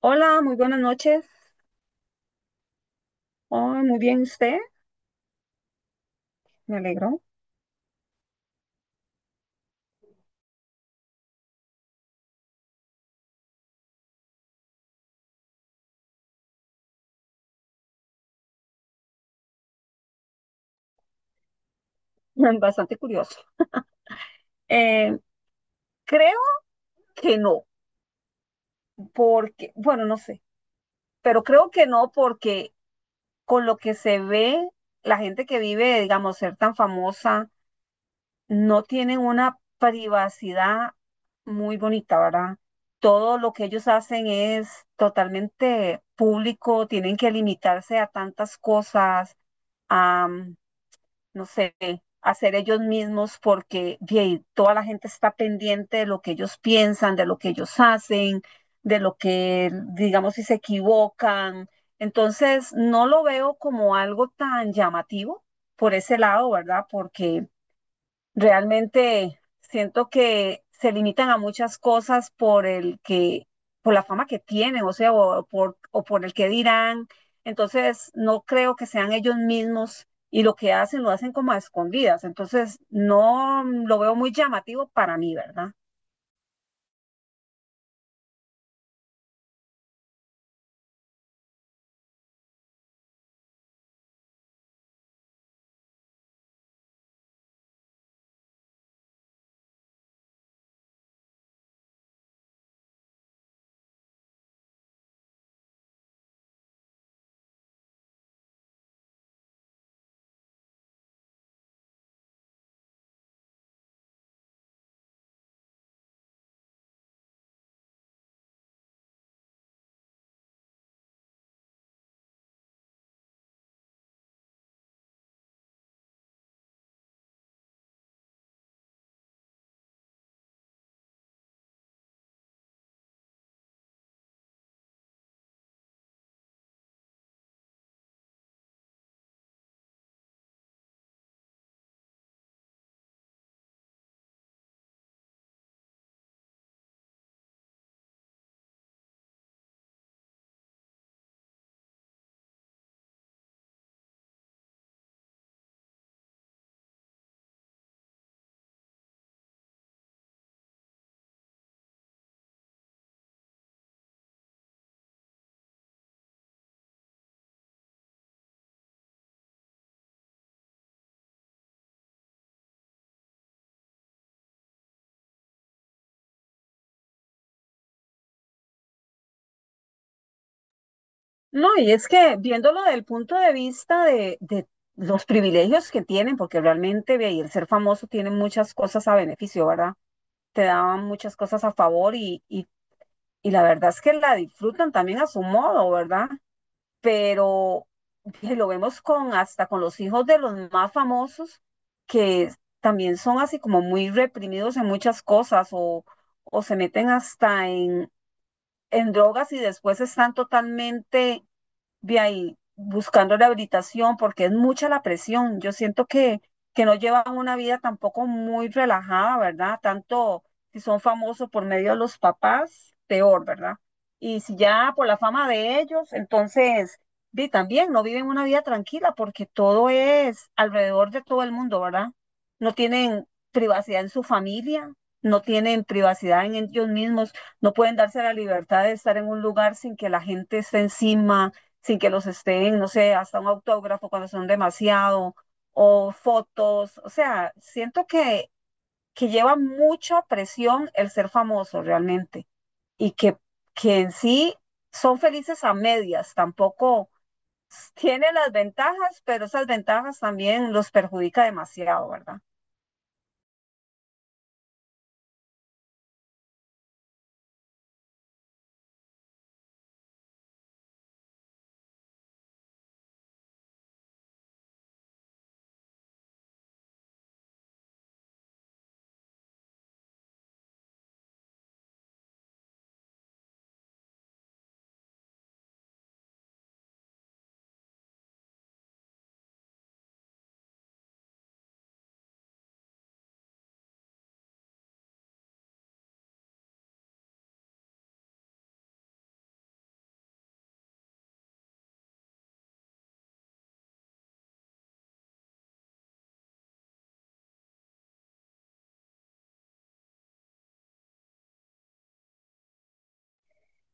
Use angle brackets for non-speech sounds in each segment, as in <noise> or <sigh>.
Hola, muy buenas noches. Oh, muy bien usted, me alegro. <laughs> Bastante curioso. Eh, Creo que no, porque, bueno, no sé, pero creo que no porque con lo que se ve, la gente que vive, digamos, ser tan famosa, no tienen una privacidad muy bonita, ¿verdad? Todo lo que ellos hacen es totalmente público, tienen que limitarse a tantas cosas. No sé, hacer ellos mismos porque bien, toda la gente está pendiente de lo que ellos piensan, de lo que ellos hacen, de lo que, digamos, si se equivocan. Entonces, no lo veo como algo tan llamativo por ese lado, ¿verdad? Porque realmente siento que se limitan a muchas cosas por por la fama que tienen, o sea, o por el que dirán. Entonces, no creo que sean ellos mismos y lo que hacen lo hacen como a escondidas. Entonces, no lo veo muy llamativo para mí, ¿verdad? No, y es que viéndolo del punto de vista de los privilegios que tienen, porque realmente ve, y el ser famoso tiene muchas cosas a beneficio, ¿verdad? Te daban muchas cosas a favor y la verdad es que la disfrutan también a su modo, ¿verdad? Pero que lo vemos con hasta con los hijos de los más famosos que también son así como muy reprimidos en muchas cosas o se meten en drogas y después están totalmente de ahí buscando rehabilitación porque es mucha la presión. Yo siento que no llevan una vida tampoco muy relajada, ¿verdad? Tanto si son famosos por medio de los papás, peor, ¿verdad? Y si ya por la fama de ellos, entonces vi también no viven una vida tranquila porque todo es alrededor de todo el mundo, ¿verdad? No tienen privacidad en su familia, no tienen privacidad en ellos mismos, no pueden darse la libertad de estar en un lugar sin que la gente esté encima sin que los estén, no sé, hasta un autógrafo cuando son demasiado, o fotos, o sea, siento que lleva mucha presión el ser famoso realmente y que, que en sí son felices a medias, tampoco tiene las ventajas, pero esas ventajas también los perjudica demasiado, ¿verdad?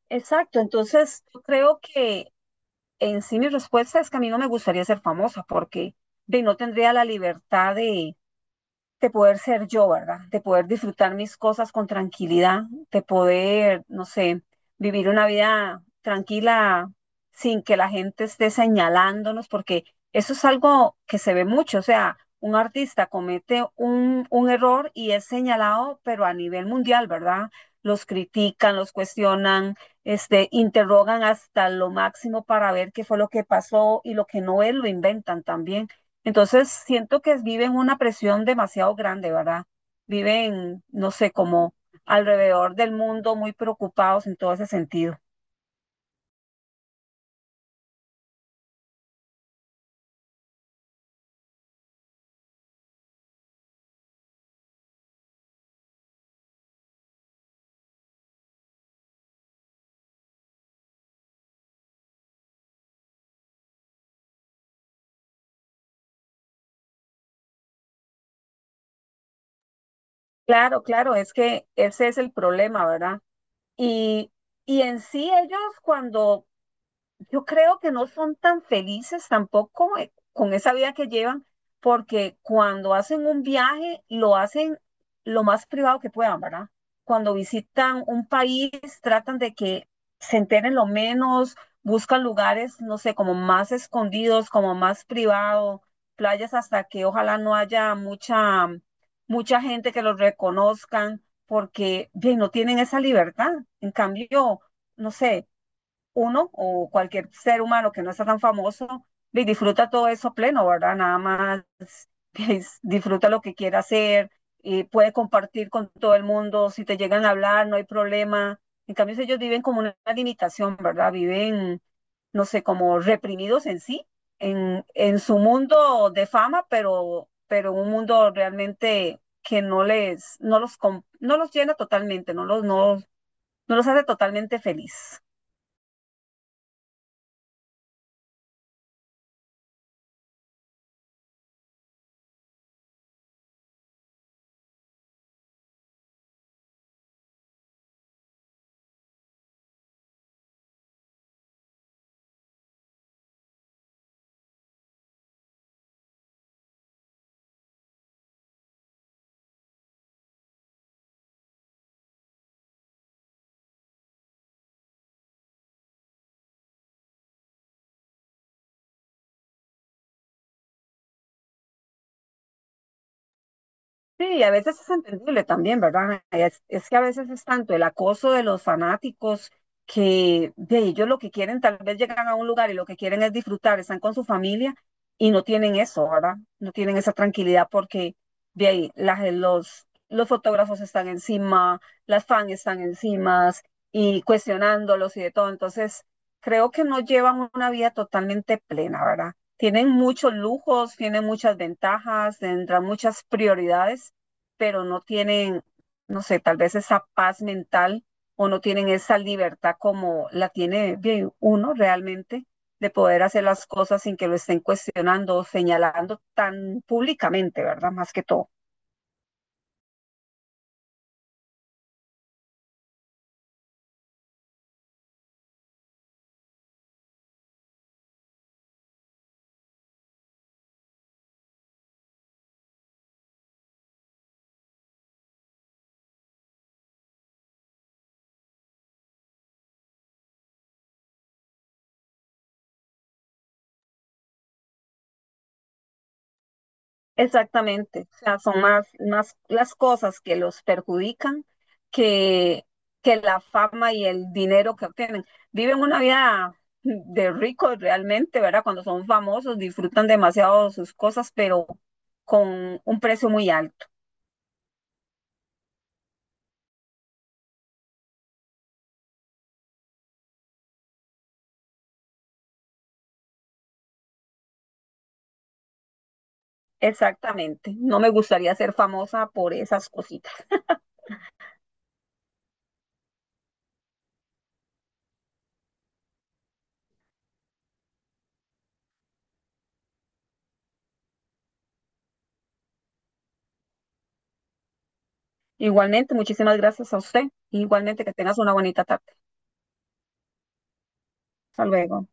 Exacto, entonces yo creo que en sí mi respuesta es que a mí no me gustaría ser famosa porque de, no tendría la libertad de poder ser yo, ¿verdad? De poder disfrutar mis cosas con tranquilidad, de poder, no sé, vivir una vida tranquila sin que la gente esté señalándonos, porque eso es algo que se ve mucho, o sea, un artista comete un error y es señalado, pero a nivel mundial, ¿verdad? Los critican, los cuestionan, este, interrogan hasta lo máximo para ver qué fue lo que pasó y lo que no es, lo inventan también. Entonces siento que viven una presión demasiado grande, ¿verdad? Viven, no sé, como alrededor del mundo muy preocupados en todo ese sentido. Claro, claro, es que ese es el problema, ¿verdad? Y, y en sí ellos cuando yo creo que no son tan felices tampoco con esa vida que llevan, porque cuando hacen un viaje lo hacen lo más privado que puedan, ¿verdad? Cuando visitan un país, tratan de que se enteren lo menos, buscan lugares, no sé, como más escondidos, como más privado, playas hasta que ojalá no haya mucha gente que los reconozcan, porque bien, no tienen esa libertad. En cambio, no sé, uno o cualquier ser humano que no está tan famoso, y disfruta todo eso pleno, ¿verdad? Nada más <laughs> es, disfruta lo que quiera hacer, y puede compartir con todo el mundo, si te llegan a hablar, no hay problema. En cambio, si ellos viven como una limitación, ¿verdad? Viven, no sé, como reprimidos en sí, en su mundo de fama, pero un mundo realmente que no les, no los, com- no los llena totalmente, no los, no, no los hace totalmente feliz. Sí, a veces es entendible también, ¿verdad? Es que a veces es tanto el acoso de los fanáticos que de ellos lo que quieren, tal vez llegan a un lugar y lo que quieren es disfrutar, están con su familia y no tienen eso, ¿verdad? No tienen esa tranquilidad porque de ahí la gen- los fotógrafos están encima, las fans están encima y cuestionándolos y de todo. Entonces, creo que no llevan una vida totalmente plena, ¿verdad? Tienen muchos lujos, tienen muchas ventajas, tendrán muchas prioridades pero no tienen, no sé, tal vez esa paz mental o no tienen esa libertad como la tiene bien uno realmente de poder hacer las cosas sin que lo estén cuestionando o señalando tan públicamente, ¿verdad? Más que todo. Exactamente, o sea, son más, más las cosas que los perjudican que, que la fama y el dinero que obtienen. Viven una vida de ricos realmente, ¿verdad? Cuando son famosos, disfrutan demasiado de sus cosas, pero con un precio muy alto. Exactamente, no me gustaría ser famosa por esas cositas. Igualmente, muchísimas gracias a usted. Igualmente, que tengas una bonita tarde. Hasta luego.